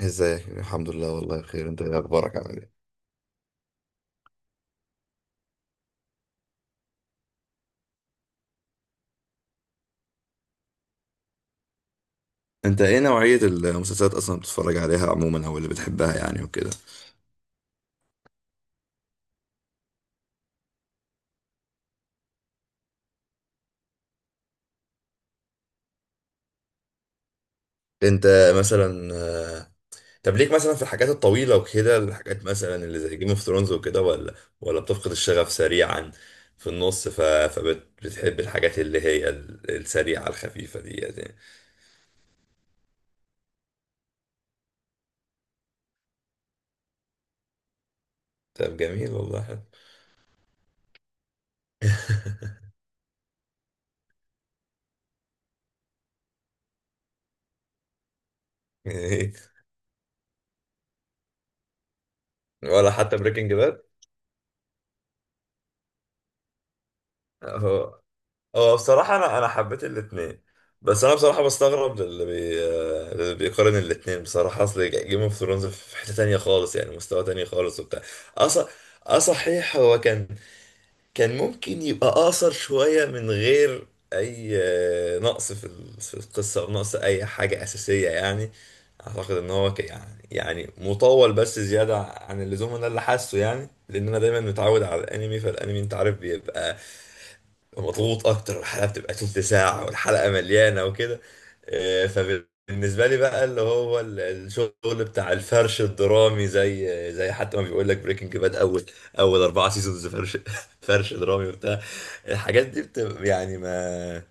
ازيك، الحمد لله والله بخير. انت ايه اخبارك عامل ايه؟ انت ايه نوعية المسلسلات اصلا بتتفرج عليها عموما او اللي بتحبها يعني وكده؟ انت مثلا طب ليك مثلا في الحاجات الطويلة وكده، الحاجات مثلا اللي زي جيم اوف ثرونز وكده، ولا بتفقد الشغف سريعا في النص ف... فبتحب الحاجات اللي هي السريعة الخفيفة دي يعني؟ طب جميل والله. إيه؟ ولا حتى بريكنج باد؟ هو بصراحة أنا حبيت الاتنين، بس أنا بصراحة بستغرب للي بيقارن الاتنين. بصراحة أصل جيم اوف ثرونز في حتة تانية خالص، يعني مستوى تاني خالص وبتاع. أص... أه صحيح، هو كان كان ممكن يبقى أقصر شوية من غير أي نقص في القصة، أو نقص أي حاجة أساسية يعني. أعتقد إن هو يعني مطول بس زيادة عن اللزوم، أنا اللي حاسه يعني، لأن أنا دايما متعود على الأنمي، فالأنمي أنت عارف بيبقى مضغوط اكتر، الحلقه بتبقى تلت ساعه والحلقه مليانه وكده. فبالنسبه لي بقى اللي هو الشغل بتاع الفرش الدرامي، زي زي حتى ما بيقول لك بريكنج باد، اول اول اربعه سيزونز فرش فرش درامي وبتاع. الحاجات دي بتبقى يعني ما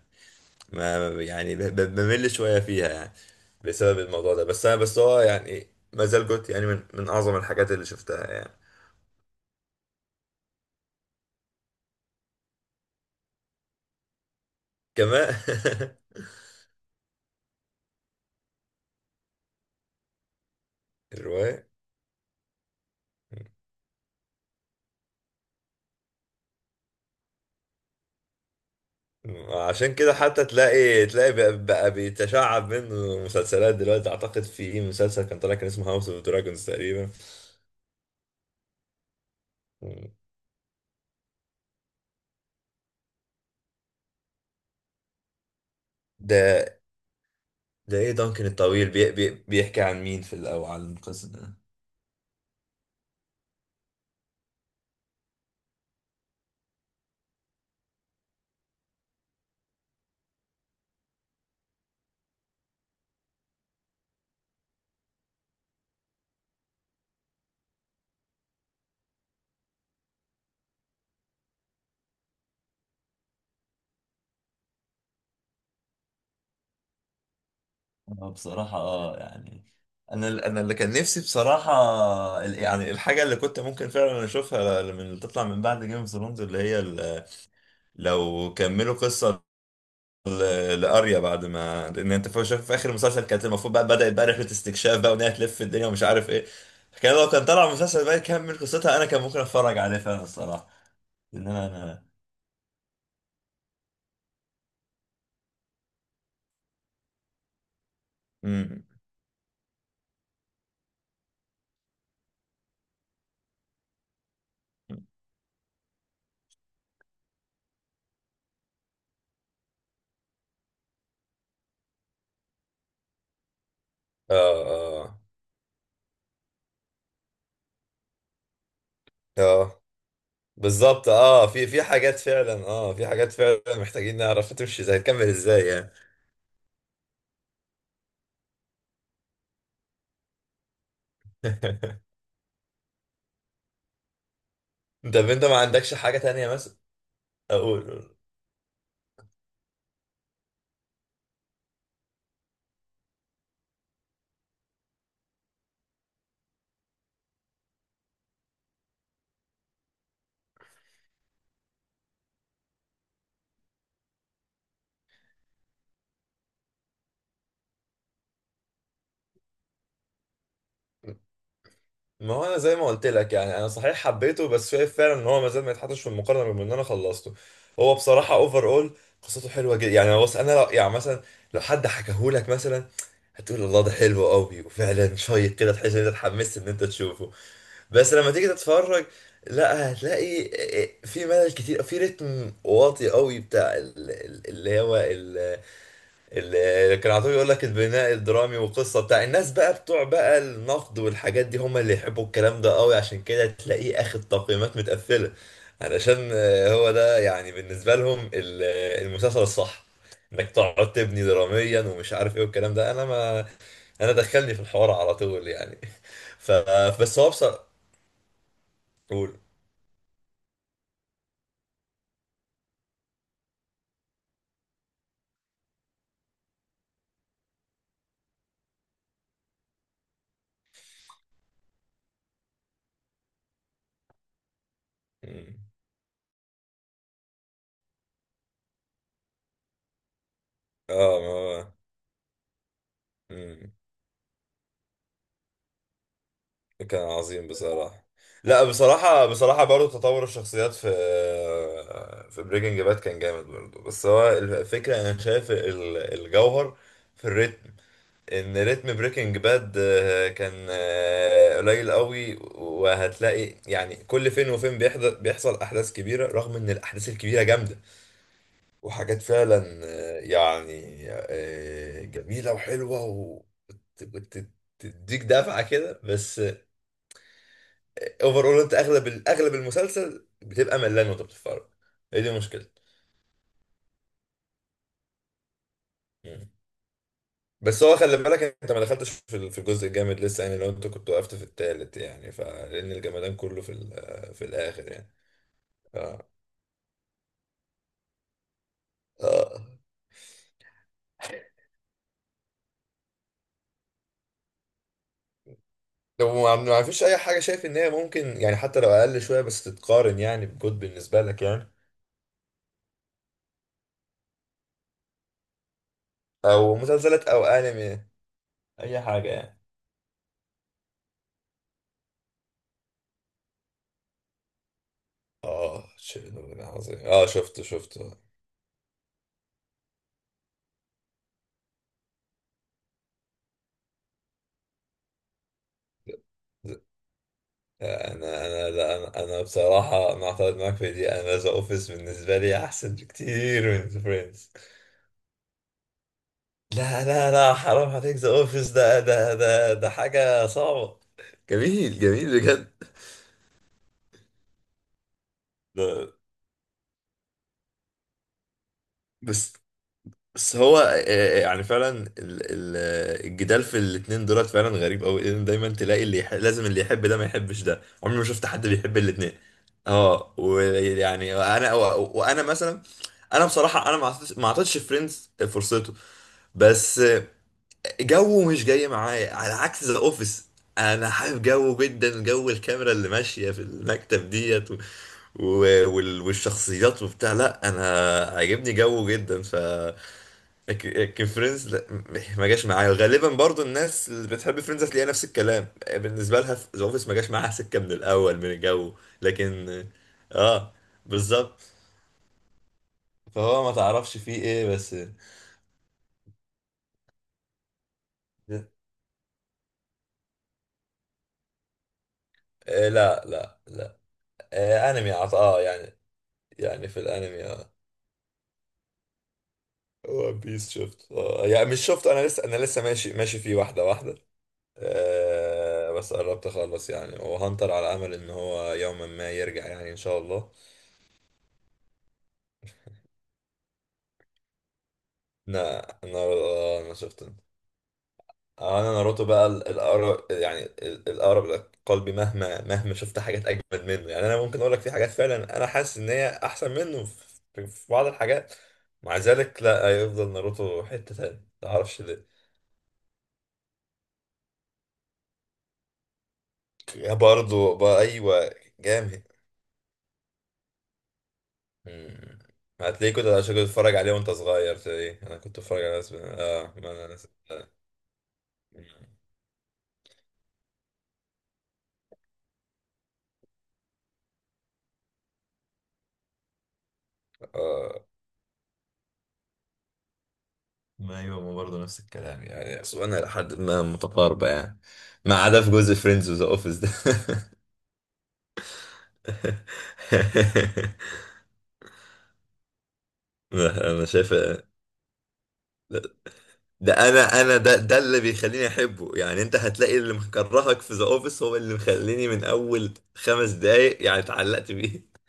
ما يعني بمل شويه فيها يعني بسبب الموضوع ده. بس انا بس هو يعني ما زال جوت يعني من اعظم الحاجات اللي شفتها يعني. كمان. الروايه. عشان كده حتى تلاقي بقى بيتشعب منه مسلسلات دلوقتي. اعتقد في ايه مسلسل كان طالع كان اسمه هاوس اوف دراجونز تقريبا. ده ده ايه دانكن الطويل؟ بي بي بيحكي عن مين في الاول، عن القصة ده؟ أنا بصراحة آه يعني، أنا اللي كان نفسي بصراحة يعني الحاجة اللي كنت ممكن فعلا أشوفها من اللي تطلع من بعد جيم اوف ثرونز، اللي هي لو كملوا قصة لاريا، بعد ما لان انت في شايف في اخر المسلسل كانت المفروض بقى بدات بقى رحله استكشاف بقى، وان هي تلف في الدنيا ومش عارف ايه. كان لو كان طلع المسلسل بقى يكمل قصتها، انا كان ممكن اتفرج عليه فعلا الصراحه، لان انا مم. اه. اه. اه بالظبط، اه في حاجات فعلا، اه في حاجات فعلا محتاجين نعرف تمشي ازاي، تكمل ازاي يعني. طب انت ما عندكش حاجه تانية مثلا اقول؟ ما هو انا زي ما قلت لك يعني، انا صحيح حبيته بس شايف فعلا ان هو ما زال ما يتحطش في المقارنه، بما ان انا خلصته. هو بصراحه اوفر اول قصته حلوه جدا يعني. بص انا لو يعني مثلا لو حد حكاهولك مثلا هتقول الله ده حلو قوي وفعلا شيق كده، تحس ان انت اتحمست ان انت تشوفه، بس لما تيجي تتفرج، لا هتلاقي إيه، إيه، في ملل كتير، في رتم واطي قوي بتاع اللي هو اللي كان على طول يقول لك البناء الدرامي والقصه، بتاع الناس بقى بتوع بقى النقد والحاجات دي، هم اللي يحبوا الكلام ده قوي، عشان كده تلاقيه اخد تقييمات متقفله، علشان هو ده يعني بالنسبه لهم المسلسل الصح، انك تقعد تبني دراميا ومش عارف ايه والكلام ده. انا ما انا دخلني في الحوار على طول يعني. ف بس هو بصراحه... قول. مم. اه. ما هو... مم. كان عظيم بصراحة. لا بصراحة، بصراحة برضو تطور الشخصيات في في بريكنج باد كان جامد برضو، بس هو الفكرة أنا شايف الجوهر في الريتم، إن ريتم بريكنج باد كان قليل قوي، وهتلاقي يعني كل فين وفين بيحضر بيحصل أحداث كبيرة، رغم إن الأحداث الكبيرة جامدة وحاجات فعلا يعني جميلة وحلوة وت- وت- تديك دفعة كده، بس اوفر اول انت اغلب اغلب المسلسل بتبقى ملان وانت بتتفرج. هي دي مشكلة. مم. بس هو خلي بالك انت ما دخلتش في الجزء الجامد لسه يعني، لو انت كنت وقفت في التالت يعني، فلان الجمدان كله في الاخر يعني. اه. لو ما فيش اي حاجة شايف ان هي ممكن يعني حتى لو اقل شوية بس تتقارن يعني بجود بالنسبة لك يعني؟ او مسلسلات او انمي، اي حاجة يعني. اه شيء عظيم، اه شفته شفته. انا انا لا انا أنا بصراحه انا اعترض معاك في دي، انا ذا اوفيس بالنسبه لي احسن بكتير من ذا فريندز. لا لا لا حرام عليك، ذا اوفيس ده حاجه صعبه، جميل جميل بجد. ده بس بس هو يعني فعلا الجدال في الاتنين دولت فعلا غريب قوي، لان دايما تلاقي لازم اللي يحب ده ما يحبش ده، عمري ما شفت حد بيحب الاتنين. اه، ويعني انا وانا مثلا انا بصراحه انا ما اعطيتش فريندز فرصته، بس جو مش جاي معايا على عكس ذا اوفيس، انا حابب جو جدا، جو الكاميرا اللي ماشيه في المكتب ديت و... والشخصيات وبتاع، لا انا عاجبني جو جدا. ف لكن فريندز لا ما جاش معايا، غالبا برضو الناس اللي بتحب فريندز هتلاقيها نفس الكلام بالنسبه لها في ذا اوفيس، ما جاش معاها سكه من الاول من الجو. لكن اه بالظبط. فهو ما تعرفش فيه ايه بس. آه لا لا لا. آه انمي اه يعني، يعني في الانمي اه ون بيس، شفت اه يعني مش شفت، انا لسه انا لسه ماشي ماشي فيه واحده. آه بس قربت اخلص يعني، وهنطر على امل ان هو يوما ما يرجع يعني ان شاء الله. لا ناروتو اه انا شفت، اه انا ناروتو بقى الاقرب يعني الاقرب لقلبي، مهما شفت حاجات اجمد منه يعني. انا ممكن اقول لك في حاجات فعلا انا حاسس ان هي احسن منه في بعض الحاجات، مع ذلك لا هيفضل ناروتو حتة تانية، ما اعرفش ليه. يا برضه بقى، ايوه. جامد. مم. هتلاقيه كنت عشان كنت بتتفرج عليه وانت صغير، تلاقيه انا كنت بتفرج على ناس اه، ما انا ناس. آه. ما ايوه ما برضه نفس الكلام، يعني اصلا الى حد ما متقاربه يعني، ما عدا في جزء فريندز وذا اوفيس ده. أنا شايف، ده انا انا ده ده اللي بيخليني احبه يعني، انت هتلاقي اللي مكرهك في ذا اوفيس هو اللي مخليني من اول خمس دقايق يعني اتعلقت بيه.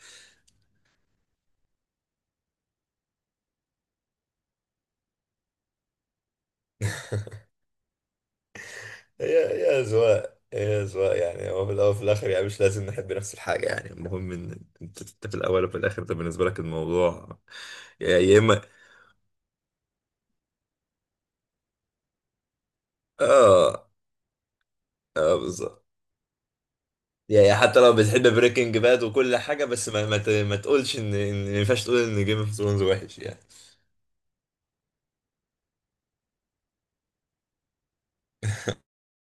هي هي اذواق هي اذواق يعني، هو في الاول وفي الاخر يعني مش لازم نحب نفس الحاجه يعني، المهم ان أنت في الاول وفي الاخر، ده بالنسبه لك الموضوع. يا يا اما اه اه بالظبط، يعني حتى لو بتحب بريكنج باد وكل حاجة، بس ما تقولش ان ان ما ينفعش تقول ان جيم اوف ثرونز وحش يعني.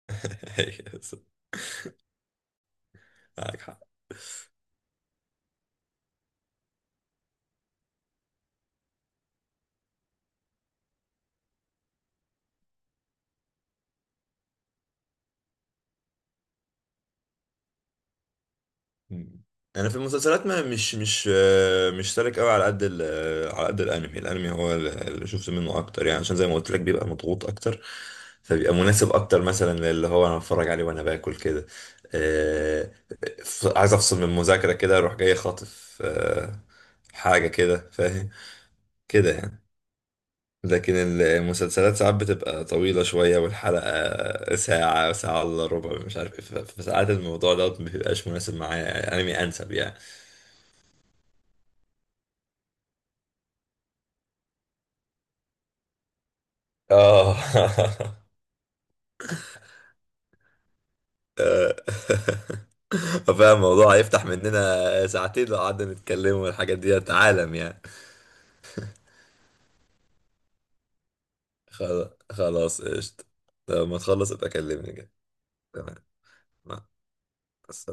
أيوة بالظبط. معاك حق. مم. انا في المسلسلات ما مش سالك قوي على قد على قد الانمي، الانمي هو اللي شفت منه اكتر يعني، عشان زي ما قلت لك بيبقى مضغوط اكتر، فبيبقى مناسب اكتر مثلا للي هو انا بتفرج عليه وانا باكل كده. آه، عايز افصل من المذاكره كده، اروح جاي خاطف حاجه كده فاهم كده يعني. لكن المسلسلات ساعات بتبقى طويلة شوية، والحلقة ساعة ساعة إلا ربع مش عارف إيه، فساعات الموضوع ده مبيبقاش مناسب معايا يعني، أنمي أنسب يعني. آه. آه. فاهم الموضوع هيفتح مننا ساعتين لو قعدنا نتكلم، والحاجات دي عالم يعني. خلاص خلاص قشطة، لما تخلص ابقى كلمني كده. تمام، مع السلامة.